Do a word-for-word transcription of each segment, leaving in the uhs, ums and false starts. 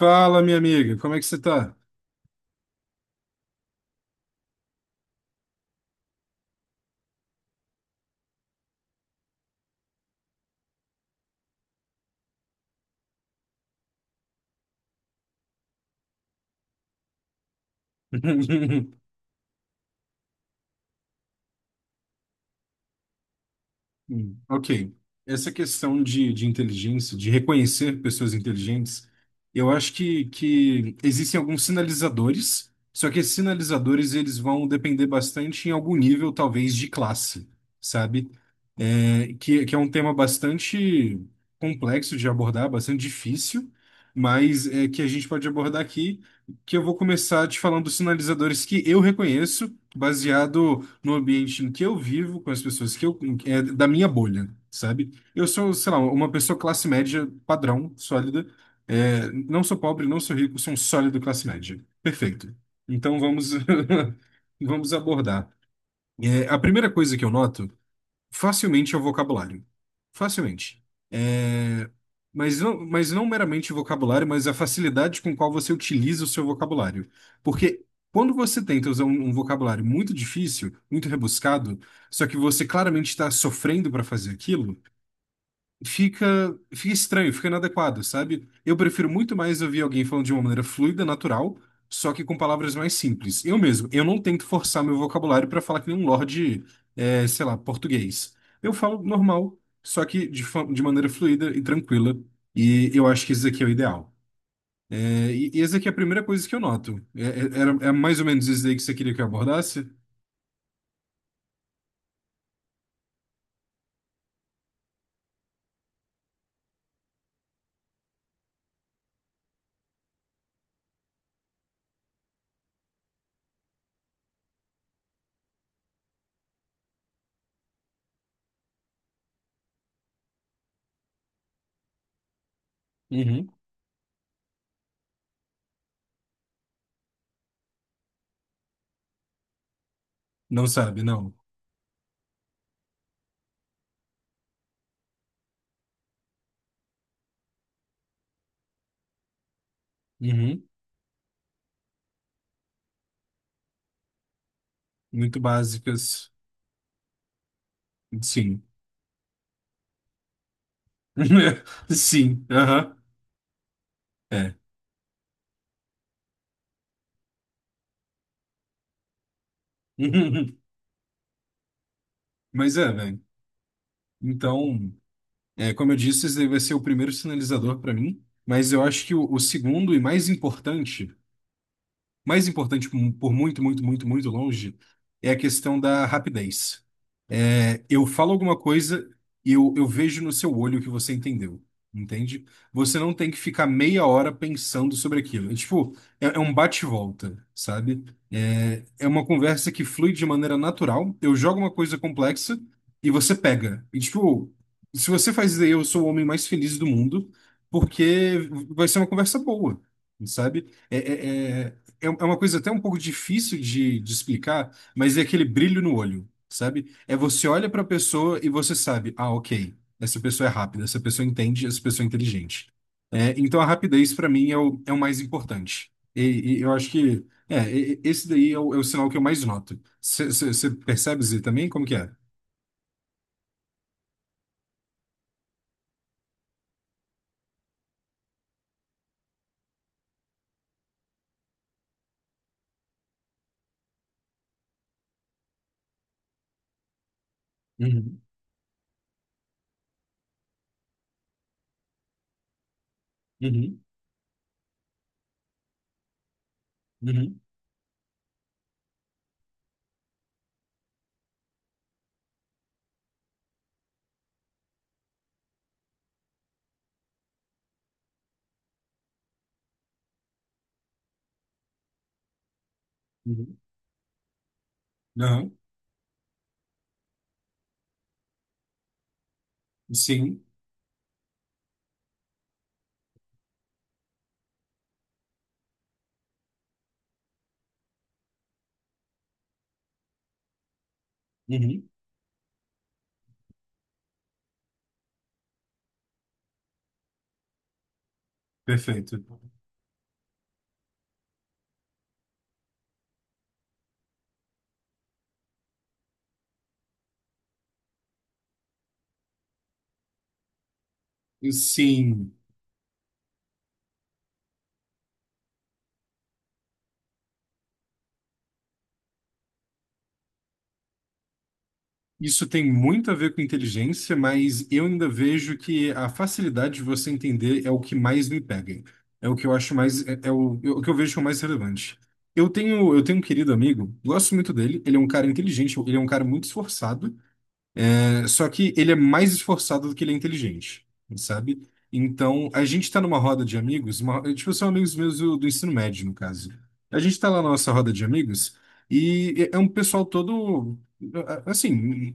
Fala, minha amiga, como é que você tá? Hum, Ok. Essa questão de, de inteligência, de reconhecer pessoas inteligentes, eu acho que, que existem alguns sinalizadores, só que esses sinalizadores eles vão depender bastante em algum nível, talvez, de classe, sabe? É, que, que é um tema bastante complexo de abordar, bastante difícil, mas é que a gente pode abordar aqui, que eu vou começar te falando dos sinalizadores que eu reconheço, baseado no ambiente em que eu vivo, com as pessoas que eu, é, da minha bolha, sabe? Eu sou, sei lá, uma pessoa classe média padrão, sólida. É, não sou pobre, não sou rico, sou um sólido classe média. Perfeito. Então vamos, vamos abordar. É, a primeira coisa que eu noto facilmente é o vocabulário. Facilmente. É, Mas não, mas não meramente o vocabulário, mas a facilidade com qual você utiliza o seu vocabulário. Porque quando você tenta usar um, um vocabulário muito difícil, muito rebuscado, só que você claramente está sofrendo para fazer aquilo, fica, fica estranho, fica inadequado, sabe? Eu prefiro muito mais ouvir alguém falando de uma maneira fluida, natural, só que com palavras mais simples. Eu mesmo, eu não tento forçar meu vocabulário para falar que nem um lorde, é, sei lá, português. Eu falo normal, só que de, fa- de maneira fluida e tranquila, e eu acho que isso aqui é o ideal. É, e, e essa aqui é a primeira coisa que eu noto. É, é, era, é mais ou menos isso aí que você queria que eu abordasse? Uhum. Não sabe, não. Uhum. Muito básicas. Sim. Sim, aham, é. Mas é, velho. Então, é, como eu disse, esse daí vai ser o primeiro sinalizador para mim. Mas eu acho que o, o segundo e mais importante, mais importante por muito, muito, muito, muito longe, é a questão da rapidez. É, eu falo alguma coisa e eu, eu vejo no seu olho que você entendeu, entende? Você não tem que ficar meia hora pensando sobre aquilo. É, tipo, é, é um bate e volta, sabe? É, é uma conversa que flui de maneira natural. Eu jogo uma coisa complexa e você pega. E, tipo, se você faz isso aí, eu sou o homem mais feliz do mundo, porque vai ser uma conversa boa, sabe? É, é, é, é é uma coisa até um pouco difícil de, de explicar, mas é aquele brilho no olho, sabe? É, você olha para a pessoa e você sabe, ah, ok, essa pessoa é rápida, essa pessoa entende, essa pessoa é inteligente. É, então a rapidez para mim é o, é o mais importante. E, e eu acho que é, e- e- esse daí é o, é o sinal que eu mais noto. Você percebe isso também? Como que é? Uhum, uhum, uhum, uhum. Não, sim, uhum. Perfeito. Sim. Isso tem muito a ver com inteligência, mas eu ainda vejo que a facilidade de você entender é o que mais me pega. É o que eu acho mais, é, é o, é o que eu vejo como mais relevante. Eu tenho, eu tenho um querido amigo, gosto muito dele, ele é um cara inteligente, ele é um cara muito esforçado, é, só que ele é mais esforçado do que ele é inteligente, sabe? Então, a gente tá numa roda de amigos, uma- tipo, são amigos meus do, do ensino médio, no caso. A gente tá lá na nossa roda de amigos e é é um pessoal todo assim,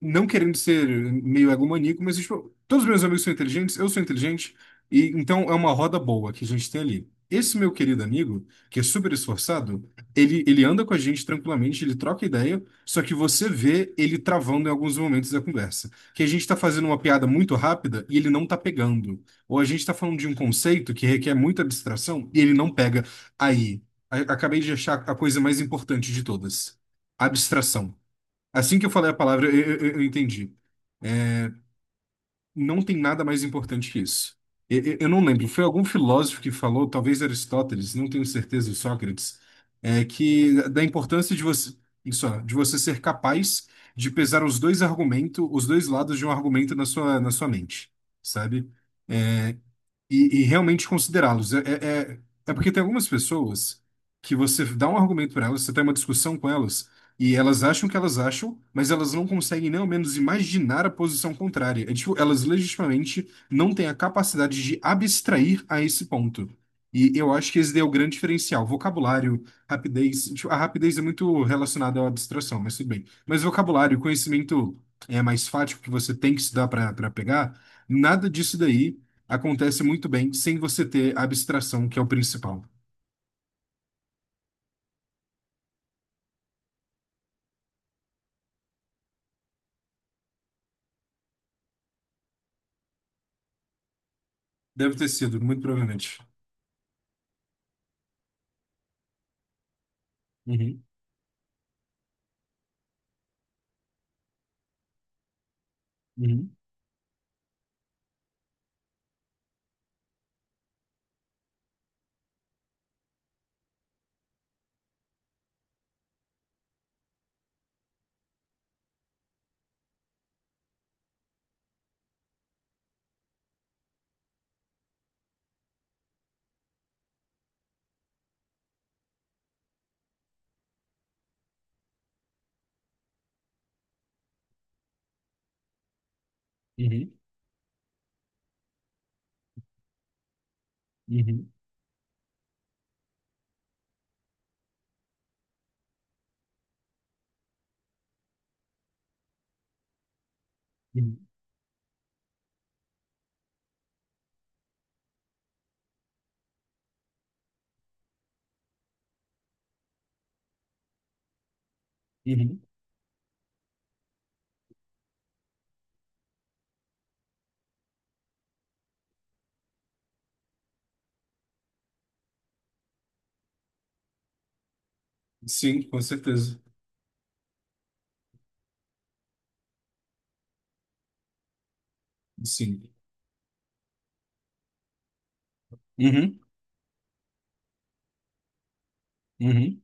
não querendo ser meio egomaníaco, mas tipo, todos os meus amigos são inteligentes, eu sou inteligente, e então é uma roda boa que a gente tem ali. Esse meu querido amigo, que é super esforçado, ele, ele anda com a gente tranquilamente, ele troca ideia, só que você vê ele travando em alguns momentos da conversa. Que a gente tá fazendo uma piada muito rápida e ele não tá pegando. Ou a gente tá falando de um conceito que requer muita abstração e ele não pega. Aí, a- acabei de achar a coisa mais importante de todas: abstração. Assim que eu falei a palavra, eu, eu- eu entendi. Não tem nada mais importante que isso. E- e- Eu não lembro, foi algum filósofo que falou, talvez Aristóteles, não tenho certeza, e Sócrates, é, que da importância de você, isso, ó, de você ser capaz de pesar os dois argumentos, os dois lados de um argumento na sua, na sua mente, sabe? É, e, e realmente considerá-los. É, é, é, é porque tem algumas pessoas que você dá um argumento para elas, você tem uma discussão com elas, e elas acham o que elas acham, mas elas não conseguem nem ao menos imaginar a posição contrária. É tipo, elas legitimamente não têm a capacidade de abstrair a esse ponto. E eu acho que esse daí é o grande diferencial. Vocabulário, rapidez. Tipo, a rapidez é muito relacionada à abstração, mas tudo bem. Mas vocabulário, conhecimento é mais fático que você tem que estudar para pegar, nada disso daí acontece muito bem sem você ter a abstração, que é o principal. Deve ter sido, muito provavelmente. Uhum, uhum, uhum, uhum, uhum, uhum. Sim, com certeza. Sim. Uhum, uhum.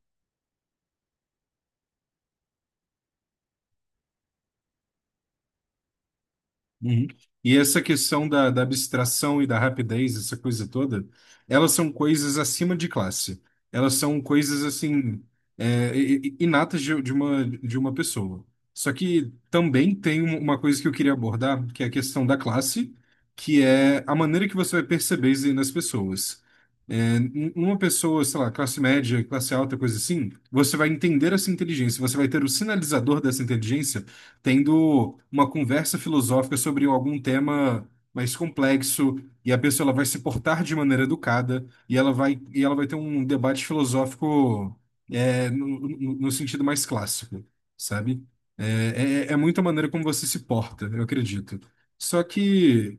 Uhum. E essa questão da, da abstração e da rapidez, essa coisa toda, elas são coisas acima de classe. Elas são coisas assim, é, i- i- inatas de, de uma, de uma pessoa. Só que também tem um- uma coisa que eu queria abordar, que é a questão da classe, que é a maneira que você vai perceber isso aí nas pessoas. É, n- uma pessoa, sei lá, classe média, classe alta, coisa assim, você vai entender essa inteligência, você vai ter o sinalizador dessa inteligência tendo uma conversa filosófica sobre algum tema mais complexo e a pessoa ela vai se portar de maneira educada e ela vai e ela vai ter um debate filosófico, é, no, no- no sentido mais clássico, sabe? É, é, é muita maneira como você se porta, eu acredito. Só que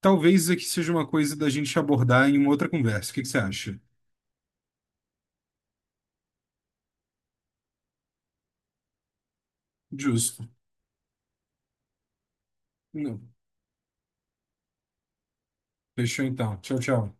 talvez isso aqui seja uma coisa da gente abordar em uma outra conversa. O que que você acha? Justo. Não. Fechou então. Tchau, tchau.